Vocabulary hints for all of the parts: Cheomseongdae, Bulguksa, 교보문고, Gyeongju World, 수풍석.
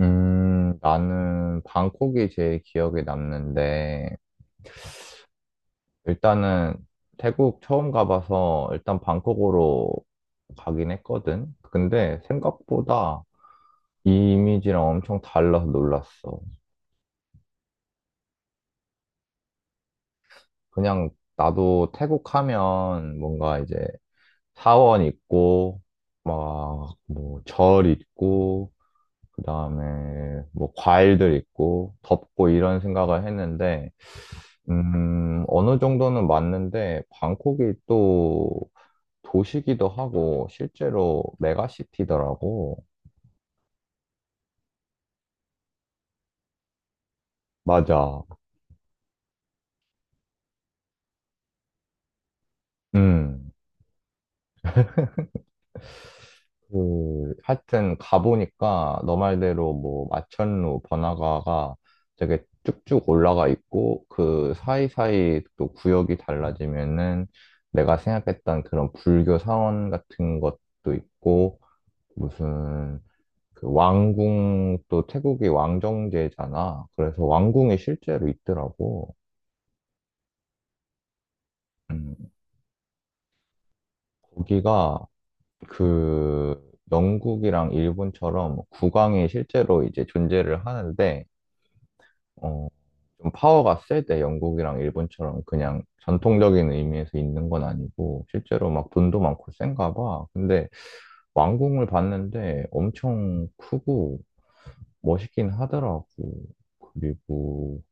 나는 방콕이 제일 기억에 남는데, 일단은 태국 처음 가봐서 일단 방콕으로 가긴 했거든. 근데 생각보다 이 이미지랑 엄청 달라서 놀랐어. 그냥 나도 태국 하면 뭔가 이제 사원 있고, 막 뭐 절 있고, 그 다음에 뭐 과일들 있고, 덥고 이런 생각을 했는데, 어느 정도는 맞는데, 방콕이 또 도시기도 하고, 실제로 메가시티더라고. 맞아. 음, 그, 하여튼 가보니까 너 말대로 뭐, 마천루, 번화가가 되게 쭉쭉 올라가 있고, 그 사이사이 또 구역이 달라지면은, 내가 생각했던 그런 불교 사원 같은 것도 있고, 무슨, 그 왕궁 또 태국이 왕정제잖아. 그래서 왕궁이 실제로 있더라고. 음, 거기가 그 영국이랑 일본처럼 국왕이 실제로 이제 존재를 하는데 어, 좀 파워가 세대 영국이랑 일본처럼 그냥 전통적인 의미에서 있는 건 아니고 실제로 막 돈도 많고 센가 봐. 근데 왕궁을 봤는데 엄청 크고 멋있긴 하더라고. 그리고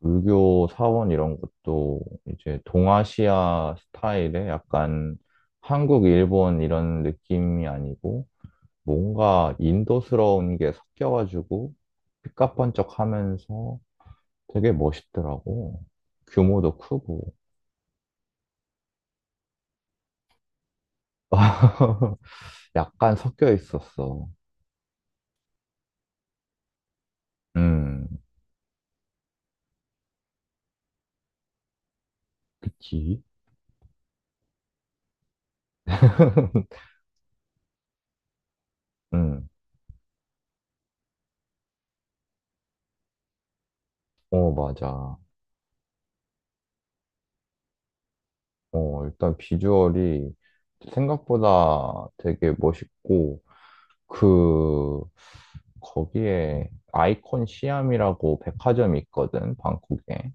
불교 사원 이런 것도 이제 동아시아 스타일의 약간 한국, 일본 이런 느낌이 아니고 뭔가 인도스러운 게 섞여가지고 삐까뻔쩍 하면서 되게 멋있더라고. 규모도 크고. 약간 섞여 있었어. 음, 그치? 음, 어, 맞아. 어, 일단 비주얼이 생각보다 되게 멋있고, 그 거기에 아이콘 시암이라고 백화점이 있거든, 방콕에.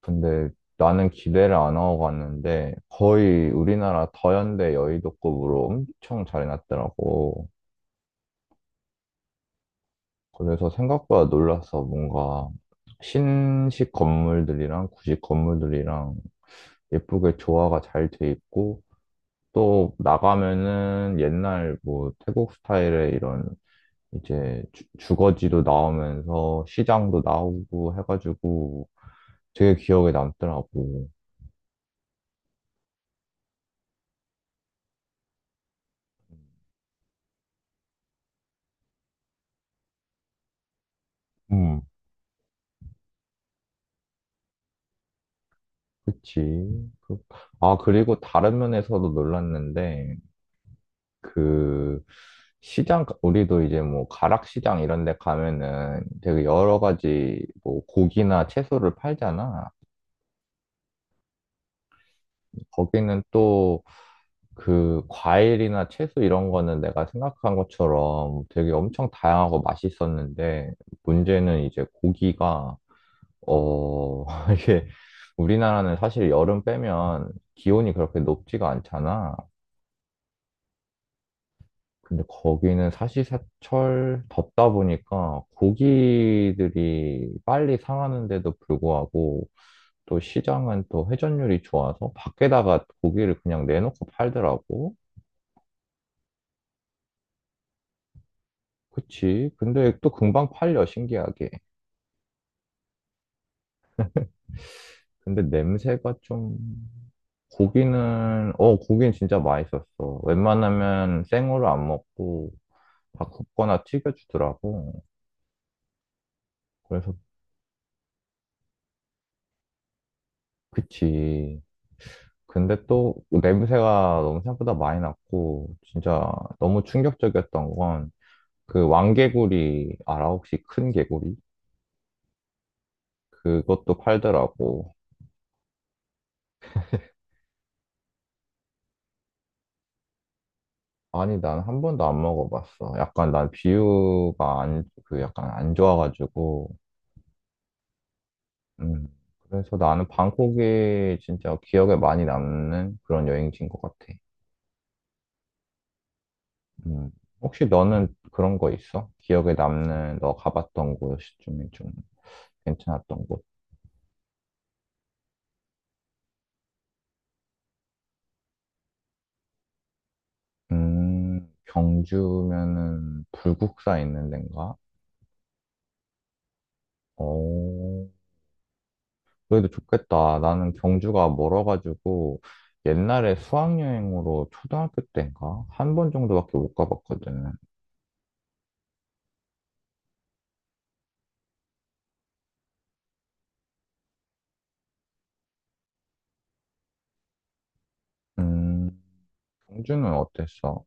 근데 나는 기대를 안 하고 갔는데 거의 우리나라 더현대 여의도급으로 엄청 잘 해놨더라고. 그래서 생각보다 놀라서 뭔가 신식 건물들이랑 구식 건물들이랑 예쁘게 조화가 잘 돼 있고 또 나가면은 옛날 뭐 태국 스타일의 이런 이제 주거지도 나오면서 시장도 나오고 해가지고 되게 기억에 남더라고. 음, 그치. 그- 아, 그리고 다른 면에서도 놀랐는데, 그, 시장, 우리도 이제 뭐 가락시장 이런 데 가면은 되게 여러 가지 뭐 고기나 채소를 팔잖아. 거기는 또 그 과일이나 채소 이런 거는 내가 생각한 것처럼 되게 엄청 다양하고 맛있었는데 문제는 이제 고기가 어 이게 우리나라는 사실 여름 빼면 기온이 그렇게 높지가 않잖아. 근데 거기는 사시사철 덥다 보니까 고기들이 빨리 상하는데도 불구하고 또 시장은 또 회전율이 좋아서 밖에다가 고기를 그냥 내놓고 팔더라고. 그치. 근데 또 금방 팔려, 신기하게. 근데 냄새가 좀, 고기는, 어, 고기는 진짜 맛있었어. 웬만하면 생으로 안 먹고, 다 굽거나 튀겨주더라고. 그래서, 그치. 근데 또 냄새가 너무 생각보다 많이 났고, 진짜 너무 충격적이었던 건, 그 왕개구리, 알아? 혹시 큰 개구리? 그것도 팔더라고. 아니, 난 한 번도 안 먹어봤어. 약간 난 비유가 안, 그 약간 안 좋아가지고. 음. 그래서 나는 방콕이 진짜 기억에 많이 남는 그런 여행지인 것 같아. 음. 혹시 너는 그런 거 있어? 기억에 남는 너 가봤던 곳 중에 좀 괜찮았던 곳? 경주면은 불국사 있는 데인가? 어, 그래도 좋겠다. 나는 경주가 멀어가지고 옛날에 수학여행으로 초등학교 때인가? 한 번 정도밖에 못 가봤거든. 음, 경주는 어땠어?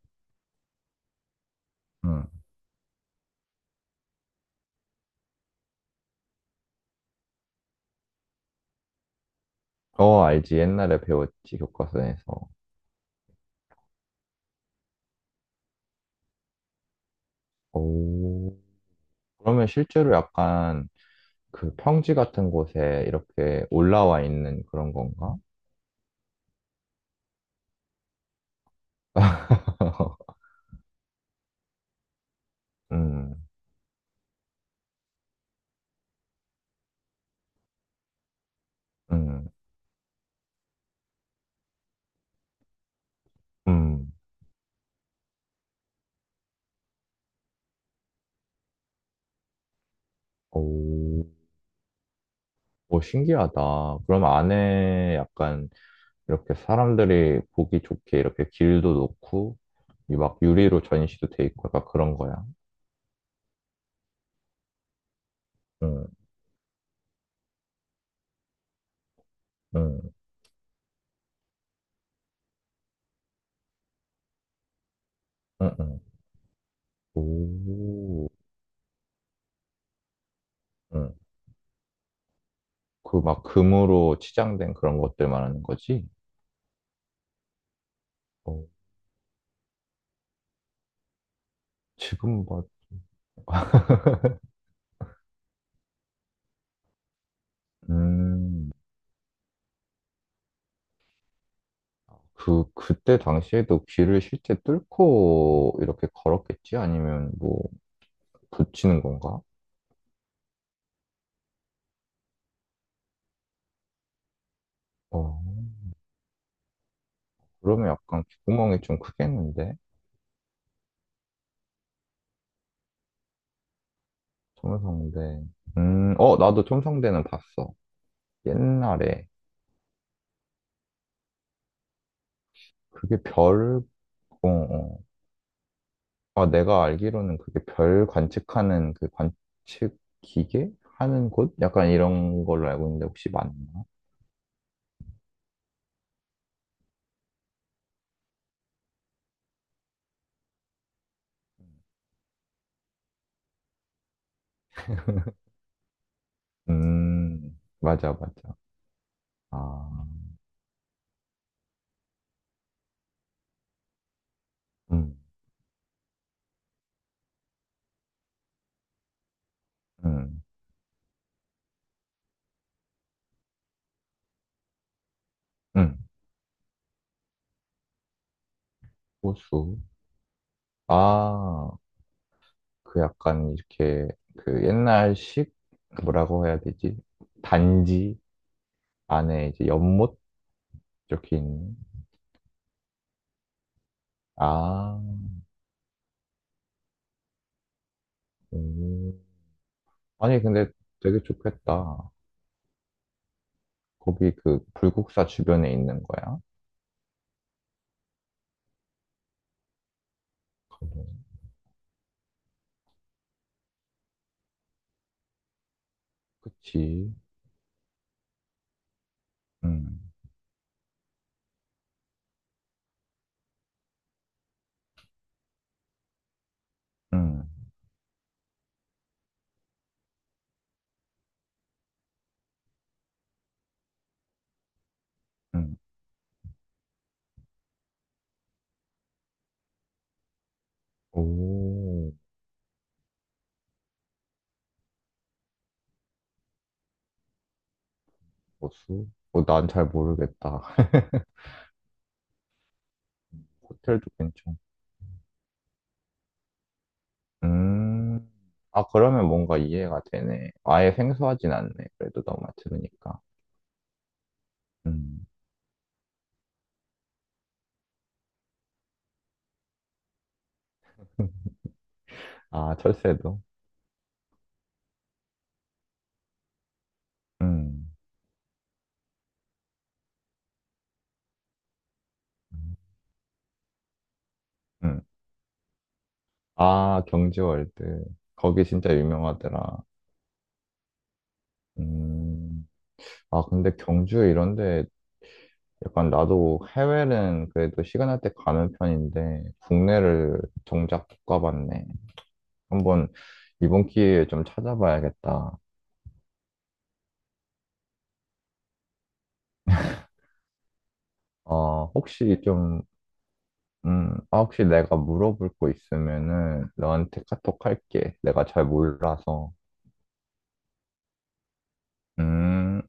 응. 어, 알지. 옛날에 배웠지, 교과서에서. 오. 그러면 실제로 약간 그 평지 같은 곳에 이렇게 올라와 있는 그런 건가? 음, 음, 음. 오, 오, 신기하다. 그럼 안에 약간 이렇게 사람들이 보기 좋게 이렇게 길도 놓고 이 막 유리로 전시도 돼 있고 약간 그런 거야. 응, 응, 응, 응. 오, 응. 그 막 금으로 치장된 그런 것들 말하는 거지? 어, 지금 봐. 음, 그때 당시에도 귀를 실제 뚫고 이렇게 걸었겠지? 아니면 뭐, 붙이는 건가? 어, 그러면 약간 귓구멍이 좀 크겠는데? 첨성대. 어, 나도 첨성대는 봤어. 옛날에 그게 별, 어, 어. 아, 내가 알기로는 그게 별 관측하는 그 관측 기계 하는 곳? 약간 이런 걸로 알고 있는데 혹시 맞나? 맞아, 맞아. 아, 음, 음, 음, 호수. 아, 그 약간 이렇게 그 옛날식 그 뭐라고 해야 되지? 단지 안에 이제 연못 이렇게 있는. 아, 음. 아니, 근데 되게 좋겠다. 거기 그 불국사 주변에 있는 거야? 음, 그치. 응, 응, 응. 오, 호수? 어, 난 잘 모르겠다. 호텔도 괜찮고. 음. 아, 그러면 뭔가 이해가 되네. 아예 생소하진 않네. 그래도 너만 들으니까. 음. 아, 철새도? 음. 음. 음. 아, 경주월드. 거기 진짜 유명하더라. 음. 아, 근데 경주 이런데 약간 나도 해외는 그래도 시간 날 때 가는 편인데 국내를 정작 못 가봤네. 한번 이번 기회에 좀 찾아봐야겠다. 어, 아, 혹시 내가 물어볼 거 있으면은 너한테 카톡 할게. 내가 잘 몰라서. 음.